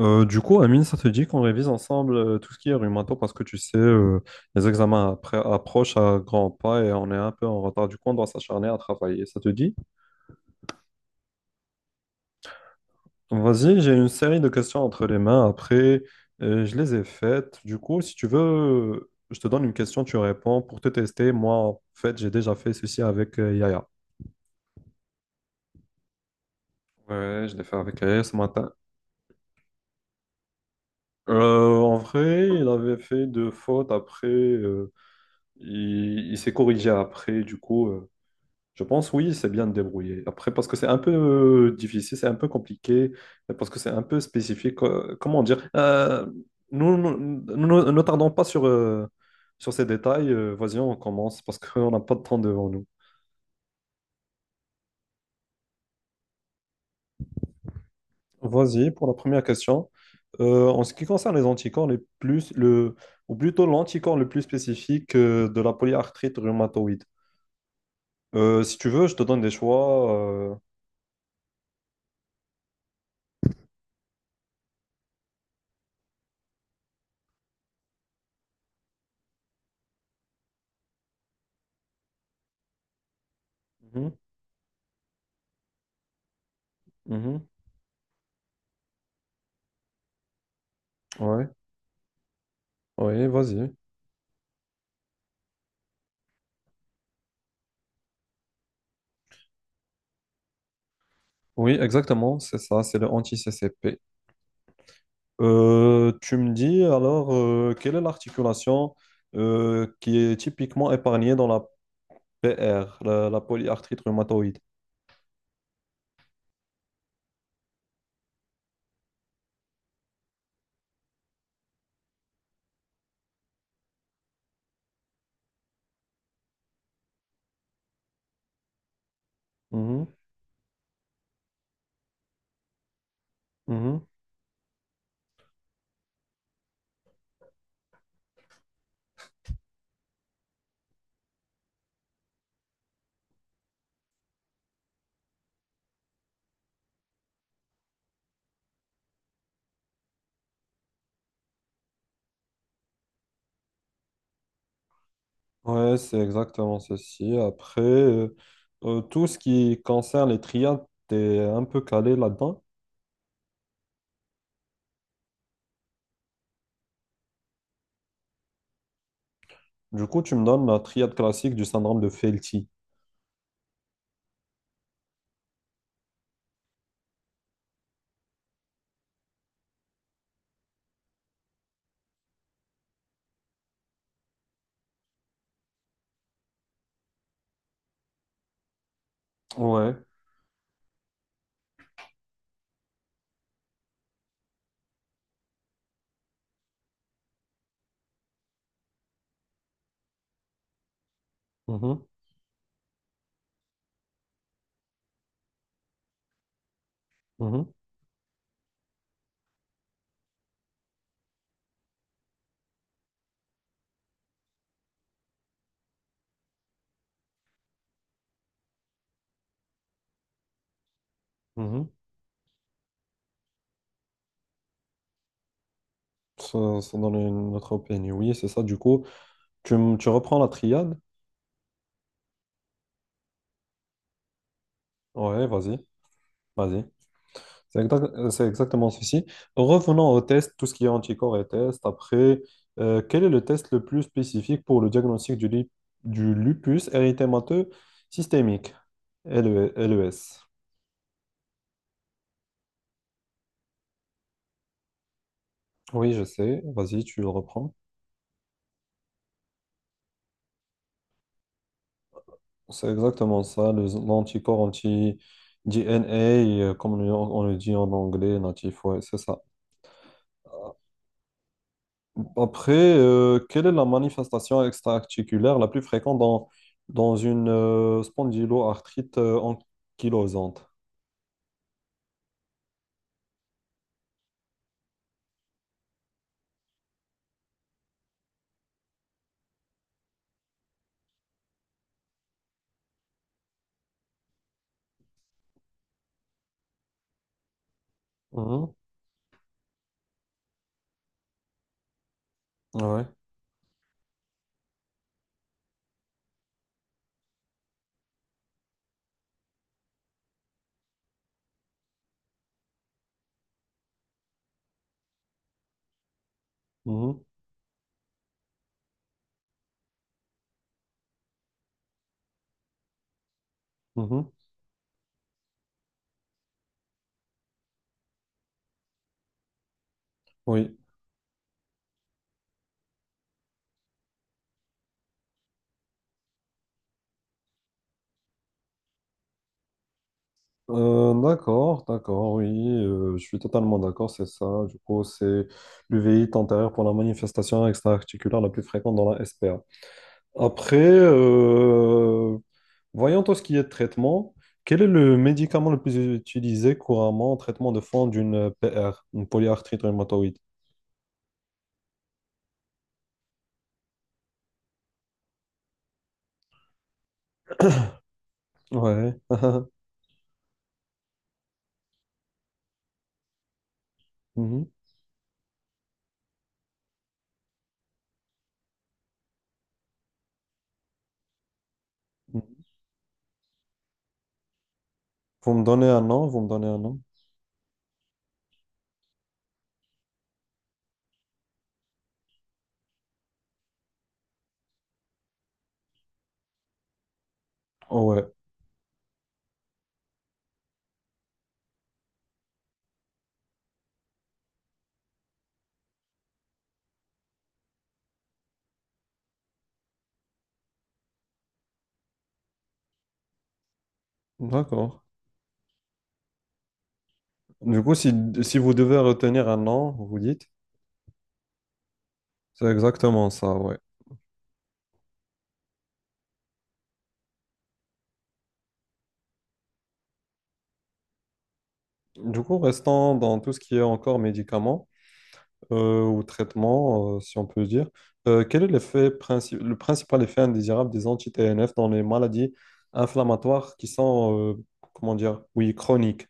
Du coup, Amine, ça te dit qu'on révise ensemble tout ce qui est rhumato parce que tu sais, les examens après approchent à grands pas et on est un peu en retard. Du coup, on doit s'acharner à travailler. Ça te dit? Vas-y, j'ai une série de questions entre les mains. Après, je les ai faites. Du coup, si tu veux, je te donne une question, tu réponds pour te tester. Moi, en fait, j'ai déjà fait ceci avec Yaya. Ouais, je l'ai fait avec Yaya ce matin. En vrai, il avait fait deux fautes. Après, il s'est corrigé après. Du coup. Je pense oui, c'est bien de débrouiller. Après, parce que c'est un peu difficile, c'est un peu compliqué, parce que c'est un peu spécifique. Comment dire? Nous, nous, nous ne tardons pas sur, sur ces détails. Vas-y, on commence parce qu'on n'a pas de temps devant nous. Vas-y, pour la première question. En ce qui concerne les anticorps les plus, le, ou plutôt l'anticorps le plus spécifique de la polyarthrite rhumatoïde. Si tu veux, je te donne des choix. Mhm, mhm, ouais, ouais, vas-y. Oui, exactement, c'est ça, c'est le anti-CCP. Tu me dis alors, quelle est l'articulation qui est typiquement épargnée dans la PR, la polyarthrite rhumatoïde? Mhm, mhm. Ouais, c'est exactement ceci. Après, tout ce qui concerne les triades, t'es un peu calé là-dedans. Du coup, tu me donnes la triade classique du syndrome de Felty. Ouais. Mhm, mhm, mhm. Ça donne une autre opinion. Oui, c'est ça. Du coup, tu reprends la triade. Ouais, vas-y, vas-y. C'est exactement ceci. Revenons au test, tout ce qui est anticorps et test. Après, quel est le test le plus spécifique pour le diagnostic du lupus érythémateux systémique, LE LES? Oui, je sais. Vas-y, tu le reprends. C'est exactement ça, l'anticorps anti-DNA, comme on le dit en anglais, natif. Ouais, c'est ça. Après, quelle est la manifestation extra-articulaire la plus fréquente dans une spondyloarthrite ankylosante? Mhm. Ouais. Mhm. Mhm. Oui. D'accord, d'accord, oui, je suis totalement d'accord, c'est ça. Du coup, c'est l'UVI antérieure pour la manifestation extra-articulaire la plus fréquente dans la SPA. Après, voyons tout ce qui est traitement. Quel est le médicament le plus utilisé couramment en traitement de fond d'une PR, une polyarthrite rhumatoïde? Ouais. Mhm. Vous me donnez un nom, vous me donnez un nom. Oh, ouais, d'accord. Du coup, si vous devez retenir un nom, vous dites, c'est exactement ça, ouais. Du coup, restant dans tout ce qui est encore médicaments ou traitements, si on peut dire, quel est l'effet le principal effet indésirable des anti-TNF dans les maladies inflammatoires qui sont, comment dire, oui, chroniques?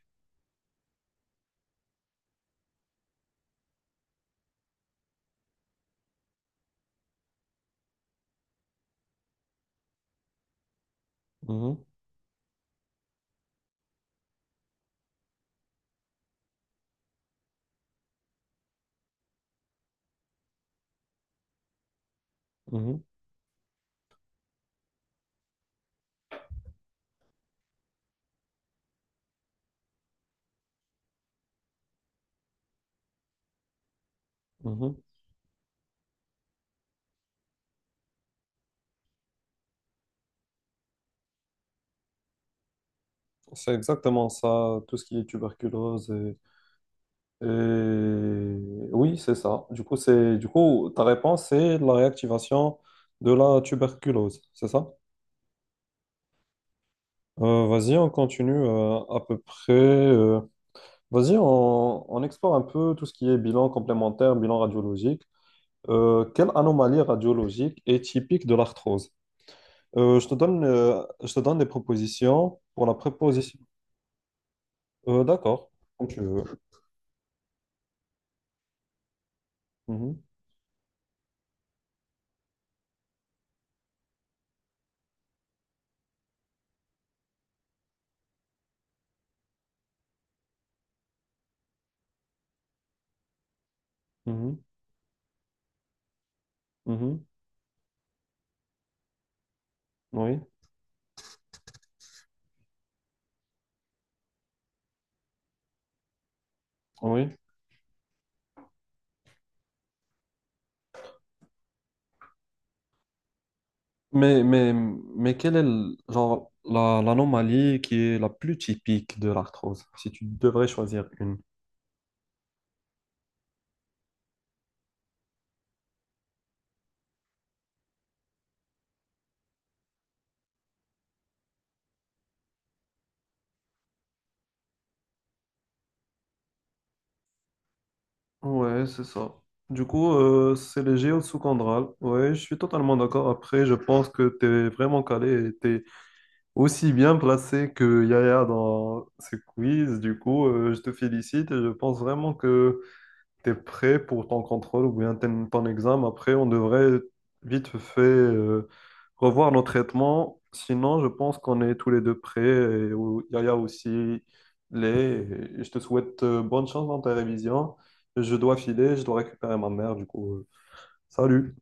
Mhm, mhm, mhm. C'est exactement ça, tout ce qui est tuberculose. Et- Oui, c'est ça. Du coup, c'est, du coup, ta réponse, c'est la réactivation de la tuberculose, c'est ça? Vas-y, on continue à peu près. Vas-y, on explore un peu tout ce qui est bilan complémentaire, bilan radiologique. Quelle anomalie radiologique est typique de l'arthrose? Je te donne des propositions pour la préposition. D'accord, comme tu veux. Mhm, mhm, mhm. Oui, oui. Mais quelle est genre, l'anomalie qui est la plus typique de l'arthrose, si tu devrais choisir une. Ouais, c'est ça. Du coup, c'est le géo sous-condral. Ouais, je suis totalement d'accord. Après, je pense que tu es vraiment calé et tu es aussi bien placé que Yaya dans ce quiz. Du coup, je te félicite et je pense vraiment que t'es prêt pour ton contrôle ou bien ton examen. Après, on devrait vite fait revoir nos traitements. Sinon, je pense qu'on est tous les deux prêts. Et Yaya aussi les. Je te souhaite bonne chance dans ta révision. Je dois filer, je dois récupérer ma mère, du coup. Salut!